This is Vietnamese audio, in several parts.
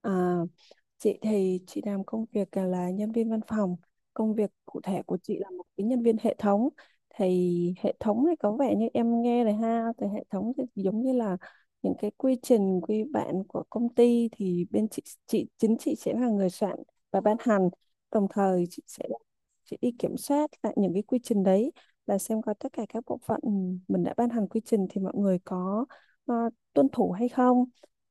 À, chị thì chị làm công việc là nhân viên văn phòng. Công việc cụ thể của chị là một cái nhân viên hệ thống. Thì hệ thống thì có vẻ như em nghe này ha, thì hệ thống thì giống như là những cái quy trình quy bản của công ty thì bên chị chính chị sẽ là người soạn và ban hành. Đồng thời chị sẽ đi kiểm soát lại những cái quy trình đấy, là xem coi tất cả các bộ phận mình đã ban hành quy trình thì mọi người có ờ, tuân thủ hay không.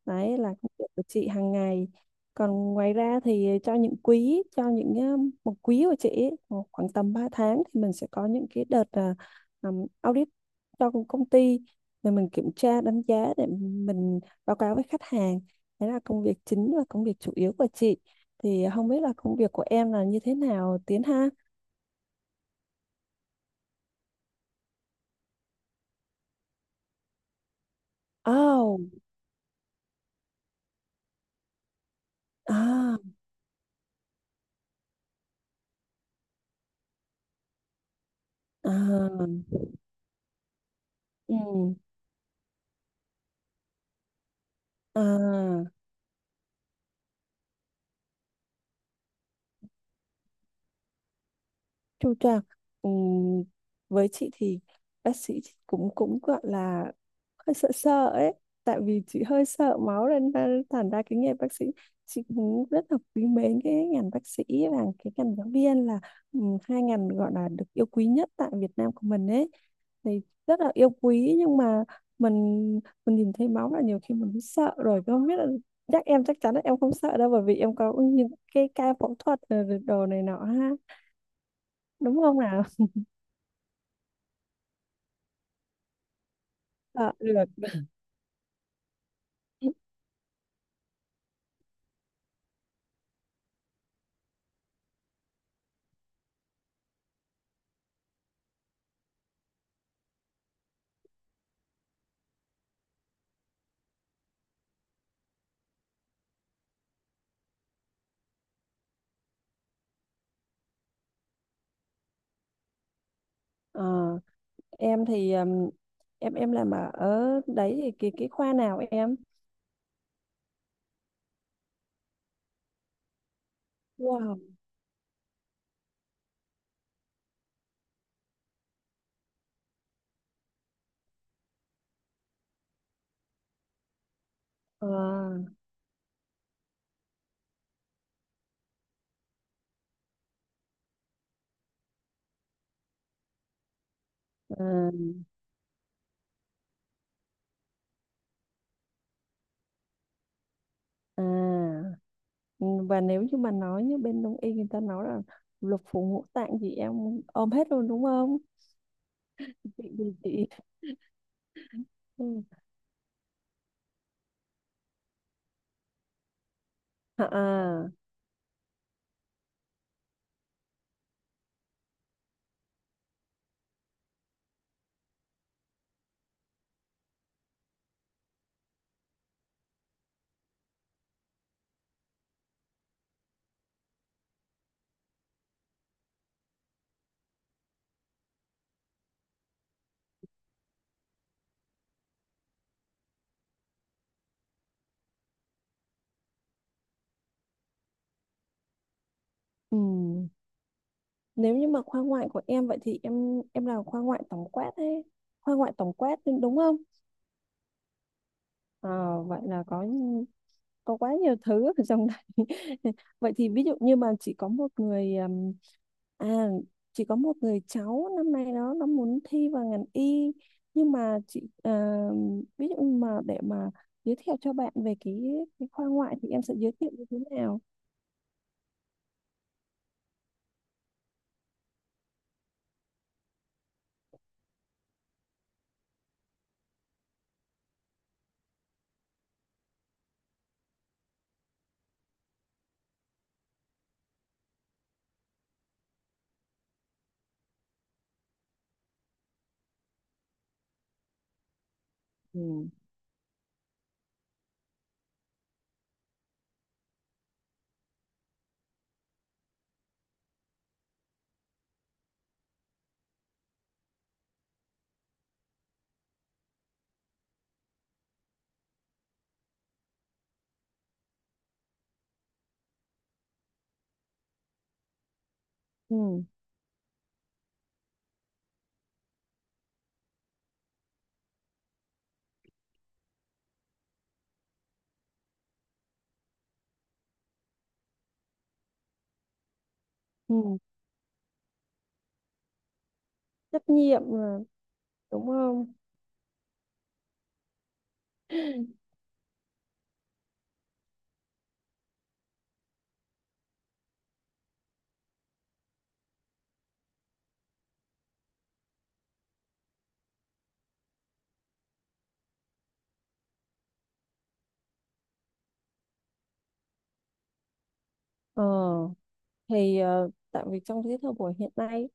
Đấy là công việc của chị hàng ngày. Còn ngoài ra thì cho những quý, cho những một quý của chị ấy, khoảng khoảng tầm 3 tháng thì mình sẽ có những cái đợt audit cho công công ty, để mình kiểm tra đánh giá, để mình báo cáo với khách hàng. Đấy là công việc chính và công việc chủ yếu của chị. Thì không biết là công việc của em là như thế nào, Tiến ha? Oh. À. À. Ừ. À. Chu toàn. ừm, với chị thì bác sĩ cũng cũng gọi là hơi sợ sợ ấy, tại vì chị hơi sợ máu nên thành ra cái nghề bác sĩ, chị cũng rất là quý mến. Cái ngành bác sĩ và cái ngành giáo viên là hai ngành gọi là được yêu quý nhất tại Việt Nam của mình ấy, thì rất là yêu quý. Nhưng mà mình mình nhìn thấy máu là nhiều khi mình cũng sợ rồi, không biết là. Chắc em, chắc chắn là em không sợ đâu, bởi vì em có những cái ca phẫu thuật rồi đồ này nọ ha, đúng không nào? Dạ. Được. Ờ, em thì em làm ở ở đấy thì cái khoa nào em? Wow. Ờ. À, à. Ừ, và nếu như mà nói như bên đông y người ta nói là lục phủ ngũ tạng gì em ôm hết luôn, đúng không? Chị ừ. À, à, ừ. Nếu như mà khoa ngoại của em vậy thì em làm khoa ngoại tổng quát ấy. Khoa ngoại tổng quát đúng đúng không? Ờ, vậy là có quá nhiều thứ ở trong này. Vậy thì ví dụ như mà chỉ có một người, à chỉ có một người cháu năm nay đó nó muốn thi vào ngành y, nhưng mà chị ví dụ như mà để mà giới thiệu cho bạn về cái khoa ngoại thì em sẽ giới thiệu như thế nào? Ừ. Ừ. ừ, trách nhiệm mà, đúng không? Ờ, thì tại vì trong cái thời buổi hiện nay,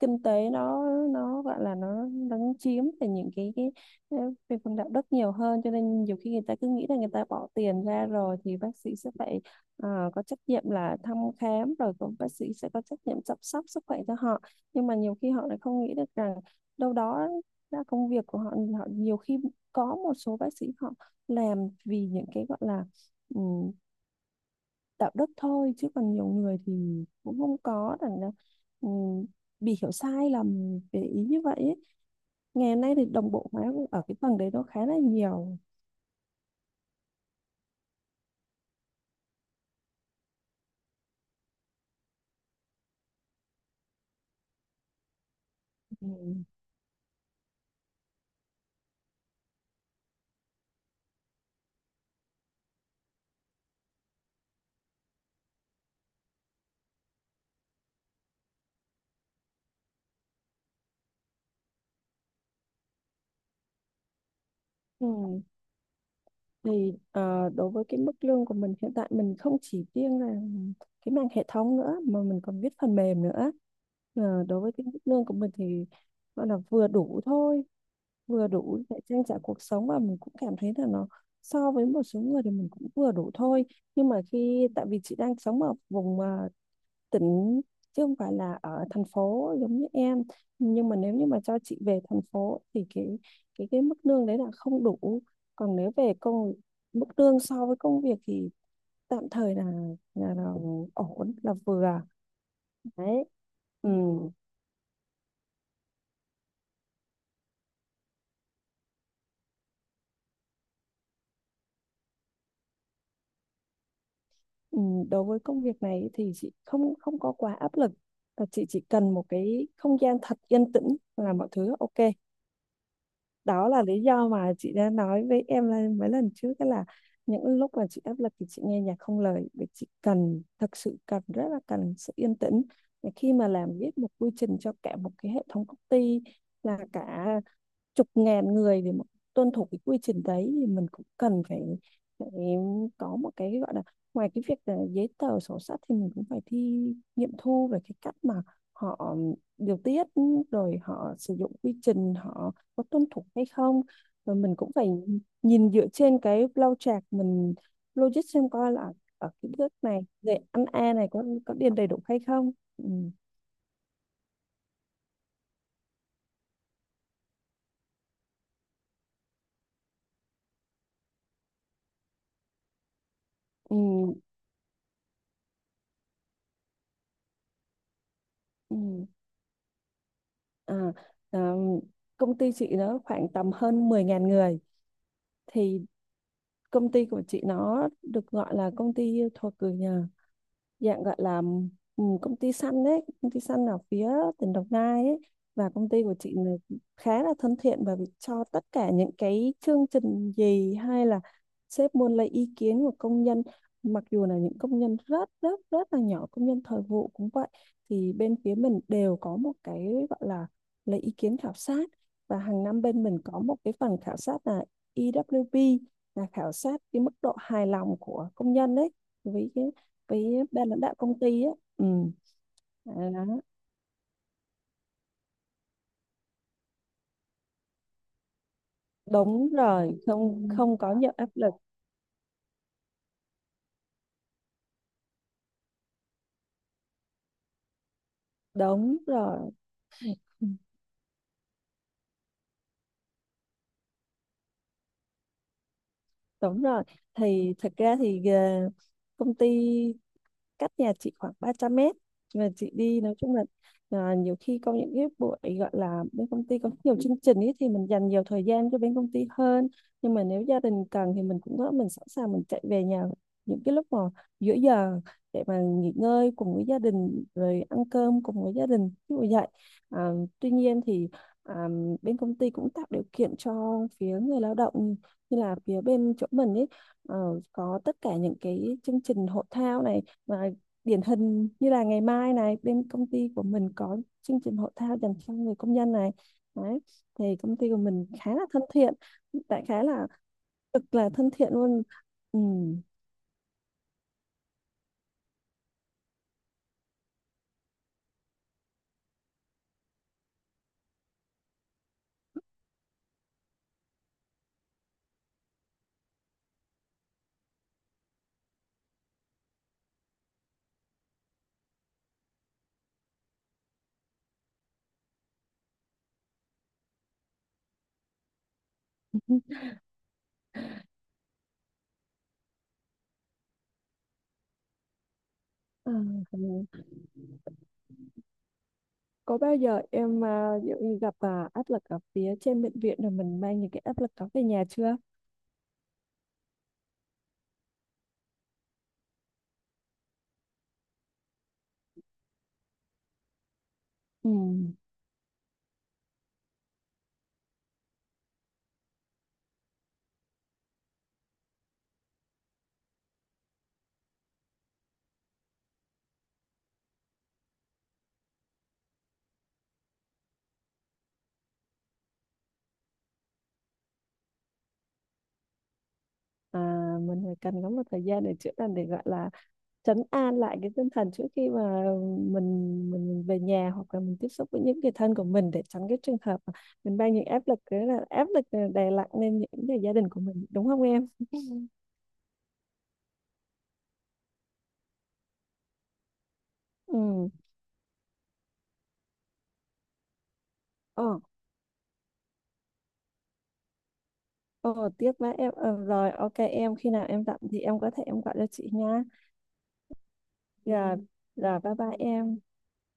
kinh tế nó, gọi là nó, chiếm về những cái, ờ, về phần đạo đức nhiều hơn, cho nên nhiều khi người ta cứ nghĩ là người ta bỏ tiền ra rồi thì bác sĩ sẽ phải có trách nhiệm là thăm khám, rồi cũng bác sĩ sẽ có trách nhiệm chăm sóc sức khỏe cho họ. Nhưng mà nhiều khi họ lại không nghĩ được rằng đâu đó là công việc của họ. Họ nhiều khi, có một số bác sĩ họ làm vì những cái gọi là ừ, đạo đức thôi, chứ còn nhiều người thì cũng không có, rằng là ừ, bị hiểu sai lầm về ý như vậy ấy. Ngày nay thì đồng bộ hóa ở cái phần đấy nó khá là nhiều. Ừ. Ừ. Thì đối với cái mức lương của mình hiện tại, mình không chỉ riêng là cái mảng hệ thống nữa mà mình còn viết phần mềm nữa. Ờ, đối với cái mức lương của mình thì gọi là vừa đủ thôi, vừa đủ để trang trải cuộc sống, và mình cũng cảm thấy là nó, so với một số người thì mình cũng vừa đủ thôi. Nhưng mà khi, tại vì chị đang sống ở vùng, tỉnh, chứ không phải là ở thành phố giống như em, nhưng mà nếu như mà cho chị về thành phố thì cái mức lương đấy là không đủ. Còn nếu về công, mức lương so với công việc thì tạm thời là, là ổn, là vừa đấy. Ừ. Ừ. Đối với công việc này thì chị không không có quá áp lực. Và chị chỉ cần một cái không gian thật yên tĩnh là mọi thứ ok. Đó là lý do mà chị đã nói với em là mấy lần trước đó, là những lúc mà chị áp lực thì chị nghe nhạc không lời, vì chị cần, thật sự rất là cần sự yên tĩnh. Và khi mà làm, viết một quy trình cho cả một cái hệ thống công ty là cả chục ngàn người để mà tuân thủ cái quy trình đấy, thì mình cũng cần phải có một cái gọi là, ngoài cái việc là giấy tờ sổ sách thì mình cũng phải thi, nghiệm thu về cái cách mà họ điều tiết, rồi họ sử dụng quy trình họ có tuân thủ hay không. Rồi mình cũng phải nhìn dựa trên cái flow chart, mình logic xem coi là ở cái bước này về ăn A này có điền đầy đủ hay không. Ừ. Ừ. Ừ. À, à, công ty chị nó khoảng tầm hơn mười 000 người. Thì công ty của chị nó được gọi là công ty thuộc dạng gọi là, công ty săn đấy, công ty săn ở phía tỉnh Đồng Nai ấy. Và công ty của chị là khá là thân thiện, và cho tất cả những cái chương trình gì, hay là sếp muốn lấy ý kiến của công nhân, mặc dù là những công nhân rất rất rất là nhỏ, công nhân thời vụ cũng vậy, thì bên phía mình đều có một cái gọi là lấy ý kiến khảo sát. Và hàng năm bên mình có một cái phần khảo sát là EWP, là khảo sát cái mức độ hài lòng của công nhân đấy, với cái, với ban lãnh đạo công ty á. Ừ. Đó. Đúng rồi, không không có nhiều áp lực. Đúng rồi. Ừ, đúng rồi. Thì thật ra thì công ty cách nhà chị khoảng 300 mét, và chị đi, nói chung là nhiều khi có những cái buổi gọi là bên công ty có nhiều chương trình ấy thì mình dành nhiều thời gian cho bên công ty hơn. Nhưng mà nếu gia đình cần thì mình cũng có, mình sẵn sàng mình chạy về nhà những cái lúc mà giữa giờ, để mà nghỉ ngơi cùng với gia đình, rồi ăn cơm cùng với gia đình ví dụ vậy. à, tuy nhiên thì à, bên công ty cũng tạo điều kiện cho phía người lao động, như là phía bên chỗ mình ấy, có tất cả những cái chương trình hội thao này. Và điển hình như là ngày mai này bên công ty của mình có chương trình hội thao dành cho người công nhân này, đấy, thì công ty của mình khá là thân thiện, tại khá là, cực là thân thiện luôn. Ừ. À, có bao giờ em ví dụ như gặp áp lực ở phía trên bệnh viện rồi mình mang những cái áp lực đó về nhà chưa? Ừ. À, mình phải cần có một thời gian để chữa lành, để gọi là trấn an lại cái tinh thần trước khi mà mình về nhà, hoặc là mình tiếp xúc với những người thân của mình, để tránh cái trường hợp mà mình mang những áp lực, cái là áp lực đè nặng lên những người gia đình của mình, đúng không em? Ừ. Ờ. Ờ, tiếp với em. Ờ, rồi, ok em, khi nào em rảnh thì em có thể em gọi cho chị nha. Ừ. Rồi, rồi, bye bye em.